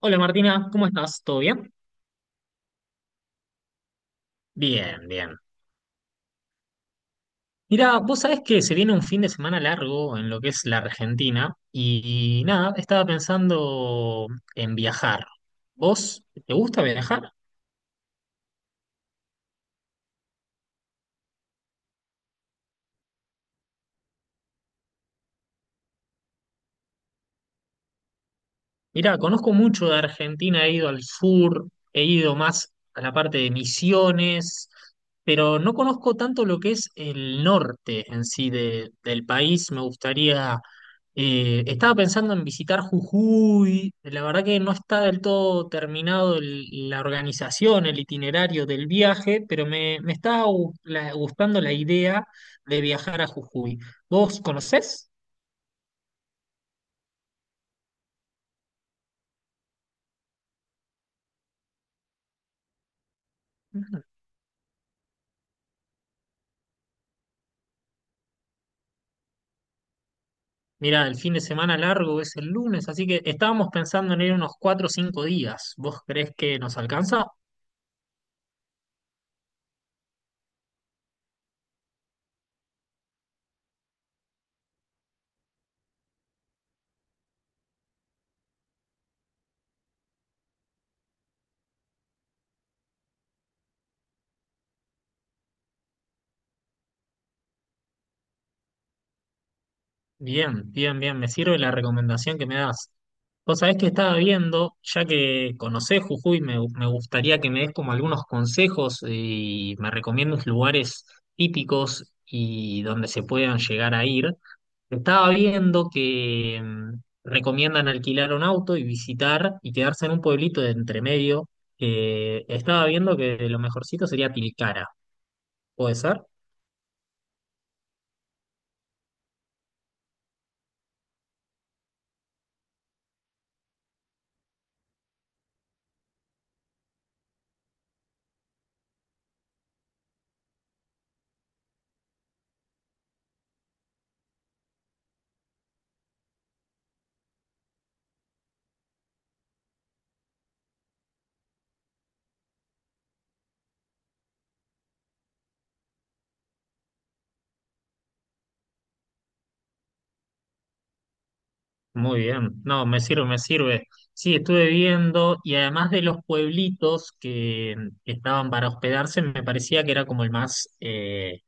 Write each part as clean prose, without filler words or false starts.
Hola Martina, ¿cómo estás? ¿Todo bien? Bien, bien. Mira, vos sabés que se viene un fin de semana largo en lo que es la Argentina y nada, estaba pensando en viajar. ¿Vos te gusta viajar? Mirá, conozco mucho de Argentina, he ido al sur, he ido más a la parte de Misiones, pero no conozco tanto lo que es el norte en sí del país. Me gustaría, estaba pensando en visitar Jujuy, la verdad que no está del todo terminado la organización, el itinerario del viaje, pero me está gustando la idea de viajar a Jujuy. ¿Vos conocés? Mira, el fin de semana largo es el lunes, así que estábamos pensando en ir unos cuatro o cinco días. ¿Vos creés que nos alcanza? Bien, bien, bien, me sirve la recomendación que me das. Vos sabés que estaba viendo, ya que conocés Jujuy, me gustaría que me des como algunos consejos y me recomiendes lugares típicos y donde se puedan llegar a ir. Estaba viendo que recomiendan alquilar un auto y visitar y quedarse en un pueblito de entremedio. Estaba viendo que lo mejorcito sería Tilcara. ¿Puede ser? Muy bien. No, me sirve, me sirve. Sí, estuve viendo y además de los pueblitos que estaban para hospedarse, me parecía que era como el más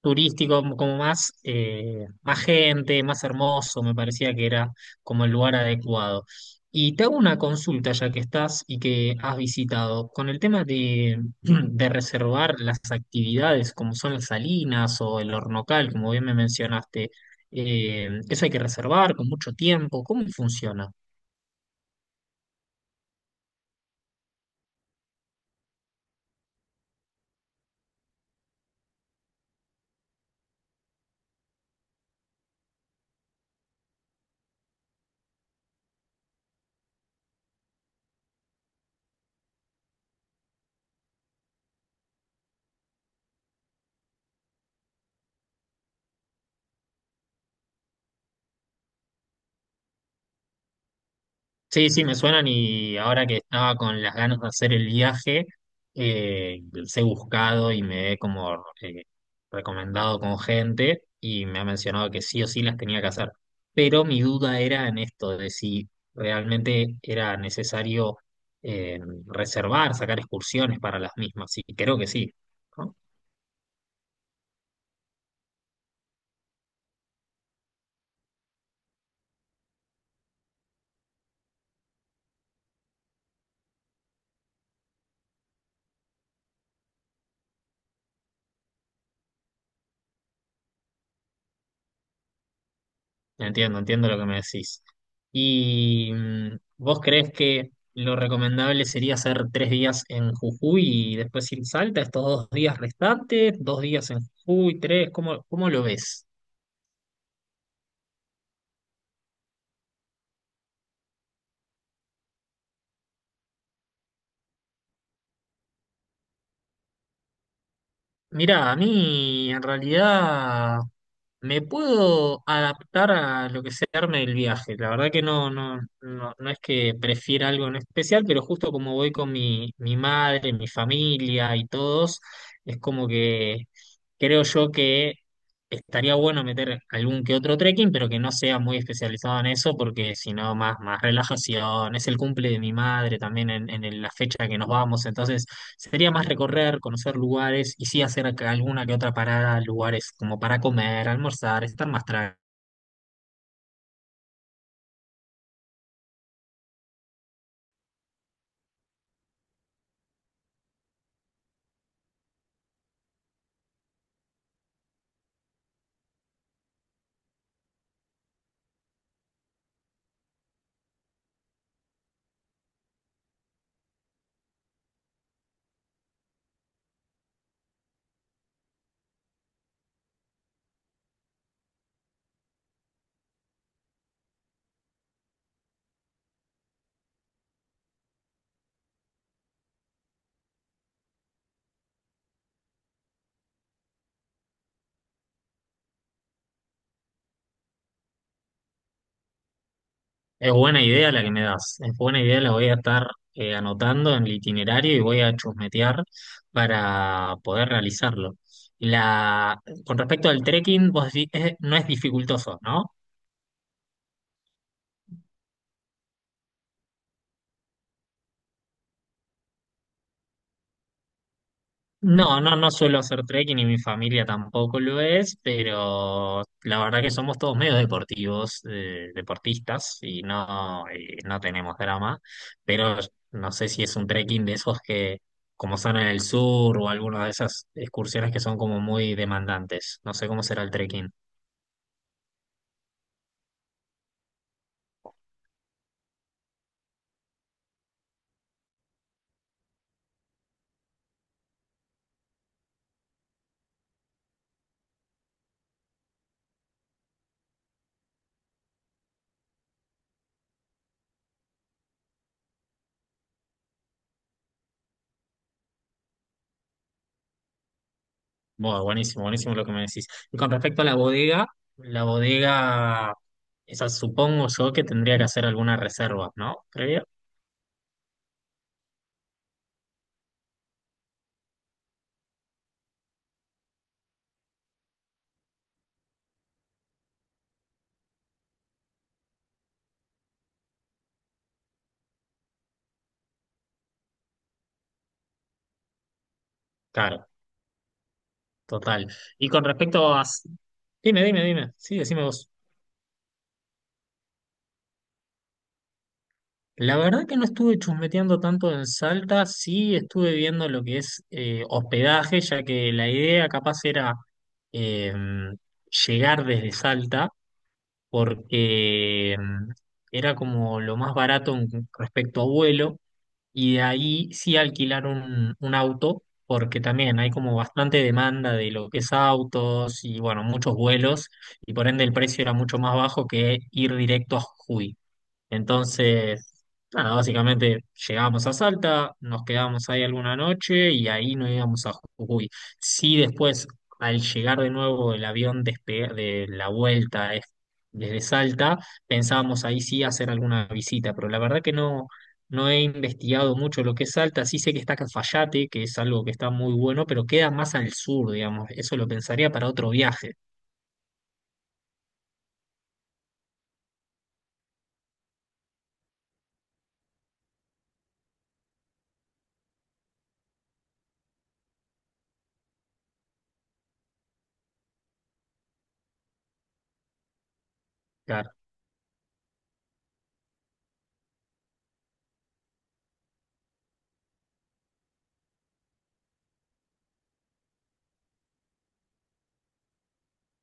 turístico, como más, más gente, más hermoso, me parecía que era como el lugar adecuado. Y te hago una consulta ya que estás y que has visitado, con el tema de, de reservar las actividades como son las salinas o el hornocal, como bien me mencionaste, eso hay que reservar con mucho tiempo, ¿cómo funciona? Sí, sí, me suenan y ahora que estaba con las ganas de hacer el viaje, los he buscado y me he como recomendado con gente y me ha mencionado que sí o sí las tenía que hacer. Pero mi duda era en esto de si realmente era necesario eh, reservar, sacar excursiones para las mismas. Y creo que sí. ¿No? Entiendo, entiendo lo que me decís. ¿Y vos crees que lo recomendable sería hacer tres días en Jujuy y después ir a Salta, estos dos días restantes, dos días en Jujuy, tres? ¿Cómo, cómo lo ves? Mirá, a mí en realidad me puedo adaptar a lo que se arme el viaje. La verdad que no es que prefiera algo en especial, pero justo como voy con mi madre, mi familia y todos, es como que creo yo que estaría bueno meter algún que otro trekking, pero que no sea muy especializado en eso, porque si no, más relajación. Es el cumple de mi madre también en la fecha que nos vamos, entonces sería más recorrer, conocer lugares y sí hacer acá alguna que otra parada, lugares como para comer, almorzar, estar más tranquilo. Es buena idea la que me das, es buena idea, la voy a estar anotando en el itinerario y voy a chusmetear para poder realizarlo. La, con respecto al trekking, vos decís, no es dificultoso, ¿no? No, no, no suelo hacer trekking y mi familia tampoco lo es, pero la verdad que somos todos medio deportivos, deportistas y no, no tenemos drama, pero no sé si es un trekking de esos que como son en el sur o alguna de esas excursiones que son como muy demandantes. No sé cómo será el trekking. Bueno, buenísimo, buenísimo lo que me decís. Y con respecto a la bodega, la bodega, esa supongo yo que tendría que hacer alguna reserva, ¿no? Previa. Claro. Total. Y con respecto a... Dime, dime, dime. Sí, decime vos. La verdad que no estuve chusmeteando tanto en Salta, sí estuve viendo lo que es hospedaje, ya que la idea capaz era eh, llegar desde Salta, porque era como lo más barato respecto a vuelo, y de ahí sí alquilar un auto, porque también hay como bastante demanda de lo que es autos y bueno, muchos vuelos, y por ende el precio era mucho más bajo que ir directo a Jujuy. Entonces, nada, básicamente llegábamos a Salta, nos quedábamos ahí alguna noche y ahí nos íbamos a Jujuy. Sí, después, al llegar de nuevo el avión de la vuelta desde Salta, pensábamos ahí sí hacer alguna visita, pero la verdad que no, no he investigado mucho lo que es Salta. Sí sé que está Cafayate, que es algo que está muy bueno, pero queda más al sur, digamos. Eso lo pensaría para otro viaje. Claro.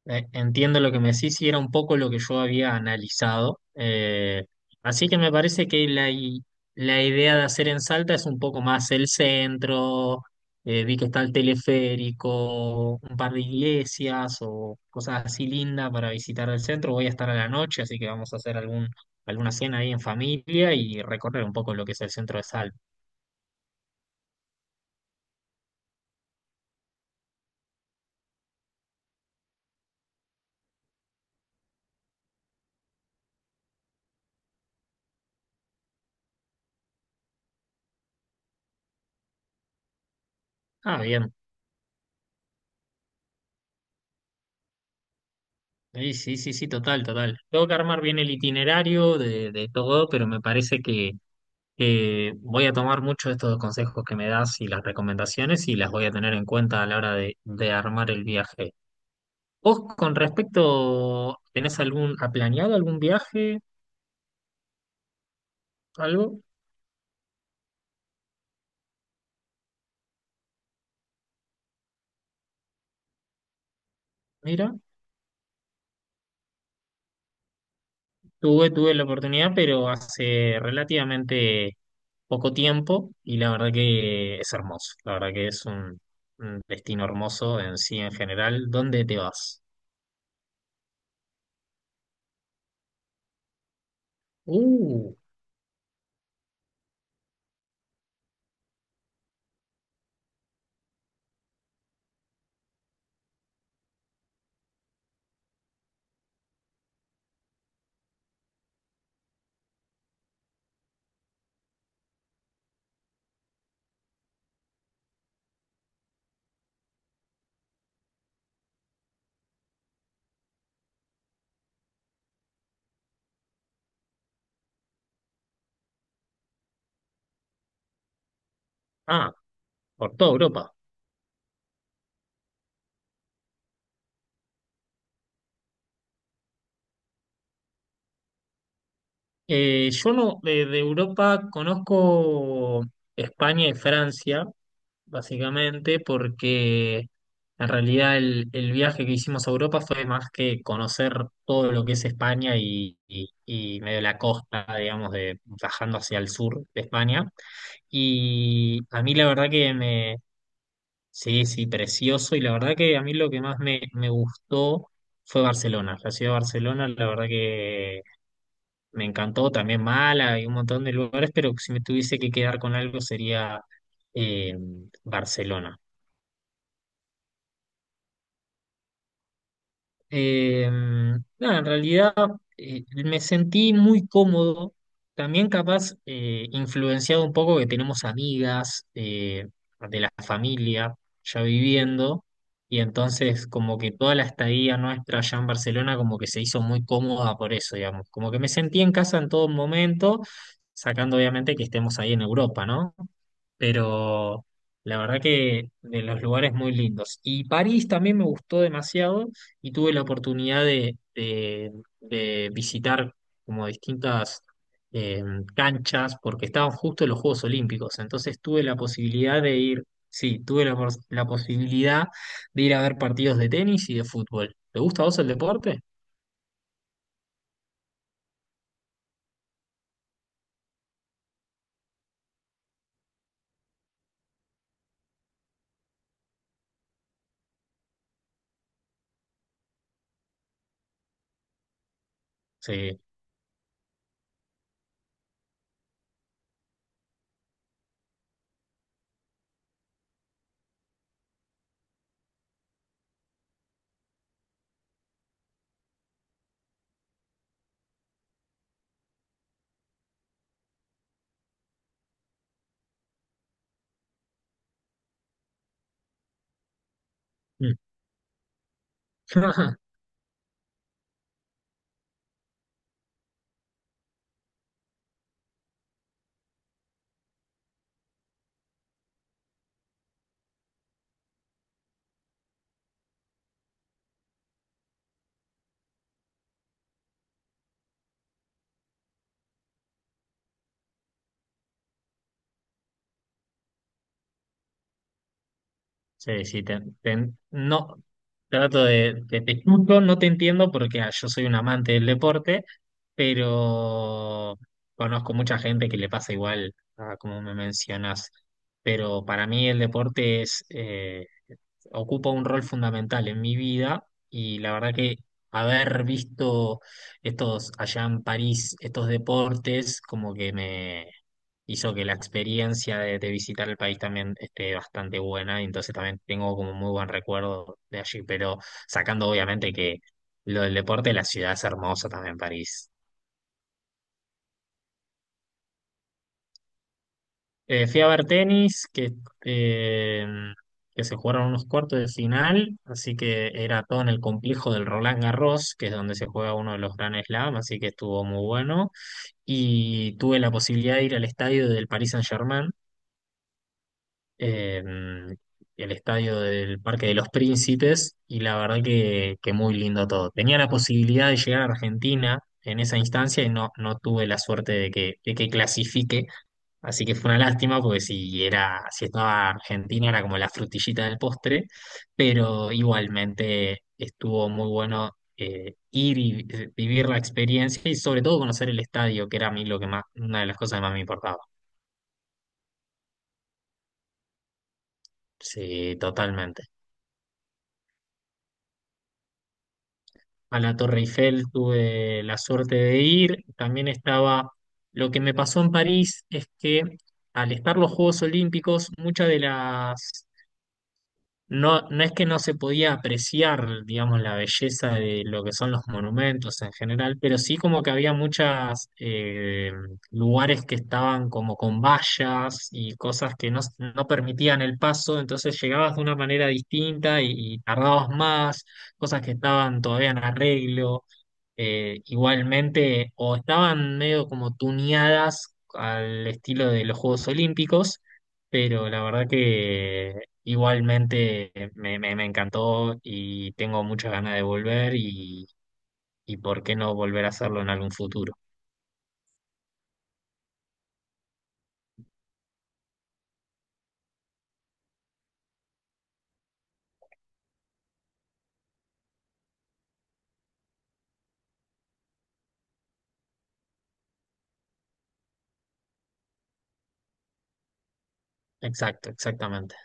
Entiendo lo que me decís y era un poco lo que yo había analizado. Así que me parece que la idea de hacer en Salta es un poco más el centro. Vi que está el teleférico, un par de iglesias o cosas así lindas para visitar el centro. Voy a estar a la noche, así que vamos a hacer alguna cena ahí en familia y recorrer un poco lo que es el centro de Salta. Ah, bien. Sí, sí, sí, sí, total, total. Tengo que armar bien el itinerario de todo, pero me parece que voy a tomar mucho estos consejos que me das y las recomendaciones y las voy a tener en cuenta a la hora de armar el viaje. ¿Vos con respecto, tenés algún, ha planeado algún viaje, algo? Mira, tuve, tuve la oportunidad, pero hace relativamente poco tiempo y la verdad que es hermoso. La verdad que es un destino hermoso en sí en general. ¿Dónde te vas? Uh, ah, por toda Europa. Yo no, de Europa conozco España y Francia, básicamente, porque en realidad el viaje que hicimos a Europa fue más que conocer todo lo que es España y medio la costa, digamos, de bajando hacia el sur de España. Y a mí la verdad que me, sí, sí, precioso. Y la verdad que a mí lo que más me gustó fue Barcelona. La ciudad de Barcelona, la verdad me encantó también Mala y un montón de lugares, pero si me tuviese que quedar con algo sería eh, Barcelona. Eh, Nada, en realidad me sentí muy cómodo, también capaz influenciado un poco que tenemos amigas de la familia ya viviendo, y entonces como que toda la estadía nuestra allá en Barcelona como que se hizo muy cómoda por eso, digamos, como que me sentí en casa en todo momento, sacando obviamente que estemos ahí en Europa, ¿no? Pero la verdad que de los lugares muy lindos. Y París también me gustó demasiado y tuve la oportunidad de visitar como distintas eh, canchas porque estaban justo los Juegos Olímpicos, entonces tuve la posibilidad de ir, sí, tuve la posibilidad de ir a ver partidos de tenis y de fútbol. ¿Te gusta a vos el deporte? Sí. Mm. Sí, sí, no, trato te escucho, no te entiendo porque ah, yo soy un amante del deporte, pero conozco mucha gente que le pasa igual, ah, como me mencionas, pero para mí el deporte es, ocupa un rol fundamental en mi vida y la verdad que haber visto estos allá en París, estos deportes, como que me hizo que la experiencia de visitar el país también esté bastante buena y entonces también tengo como muy buen recuerdo de allí, pero sacando obviamente que lo del deporte, la ciudad es hermosa también, París. Fui a ver tenis, eh, que se jugaron unos cuartos de final, así que era todo en el complejo del Roland Garros, que es donde se juega uno de los Grand Slam, así que estuvo muy bueno. Y tuve la posibilidad de ir al estadio del Paris Saint-Germain, eh, el estadio del Parque de los Príncipes y la verdad que muy lindo todo. Tenía la posibilidad de llegar a Argentina en esa instancia y no, no tuve la suerte de que clasifique, así que fue una lástima porque si era, si estaba Argentina era como la frutillita del postre, pero igualmente estuvo muy bueno. Ir y vivir la experiencia y sobre todo conocer el estadio, que era a mí lo que más, una de las cosas que más me importaba. Sí, totalmente. A la Torre Eiffel tuve la suerte de ir. También estaba, lo que me pasó en París es que al estar los Juegos Olímpicos, muchas de las, no, no es que no se podía apreciar, digamos, la belleza de lo que son los monumentos en general, pero sí como que había muchas lugares que estaban como con vallas y cosas que no, no permitían el paso, entonces llegabas de una manera distinta y tardabas más, cosas que estaban todavía en arreglo igualmente o estaban medio como tuneadas al estilo de los Juegos Olímpicos, pero la verdad que igualmente me encantó y tengo muchas ganas de volver y por qué no volver a hacerlo en algún futuro. Exacto, exactamente.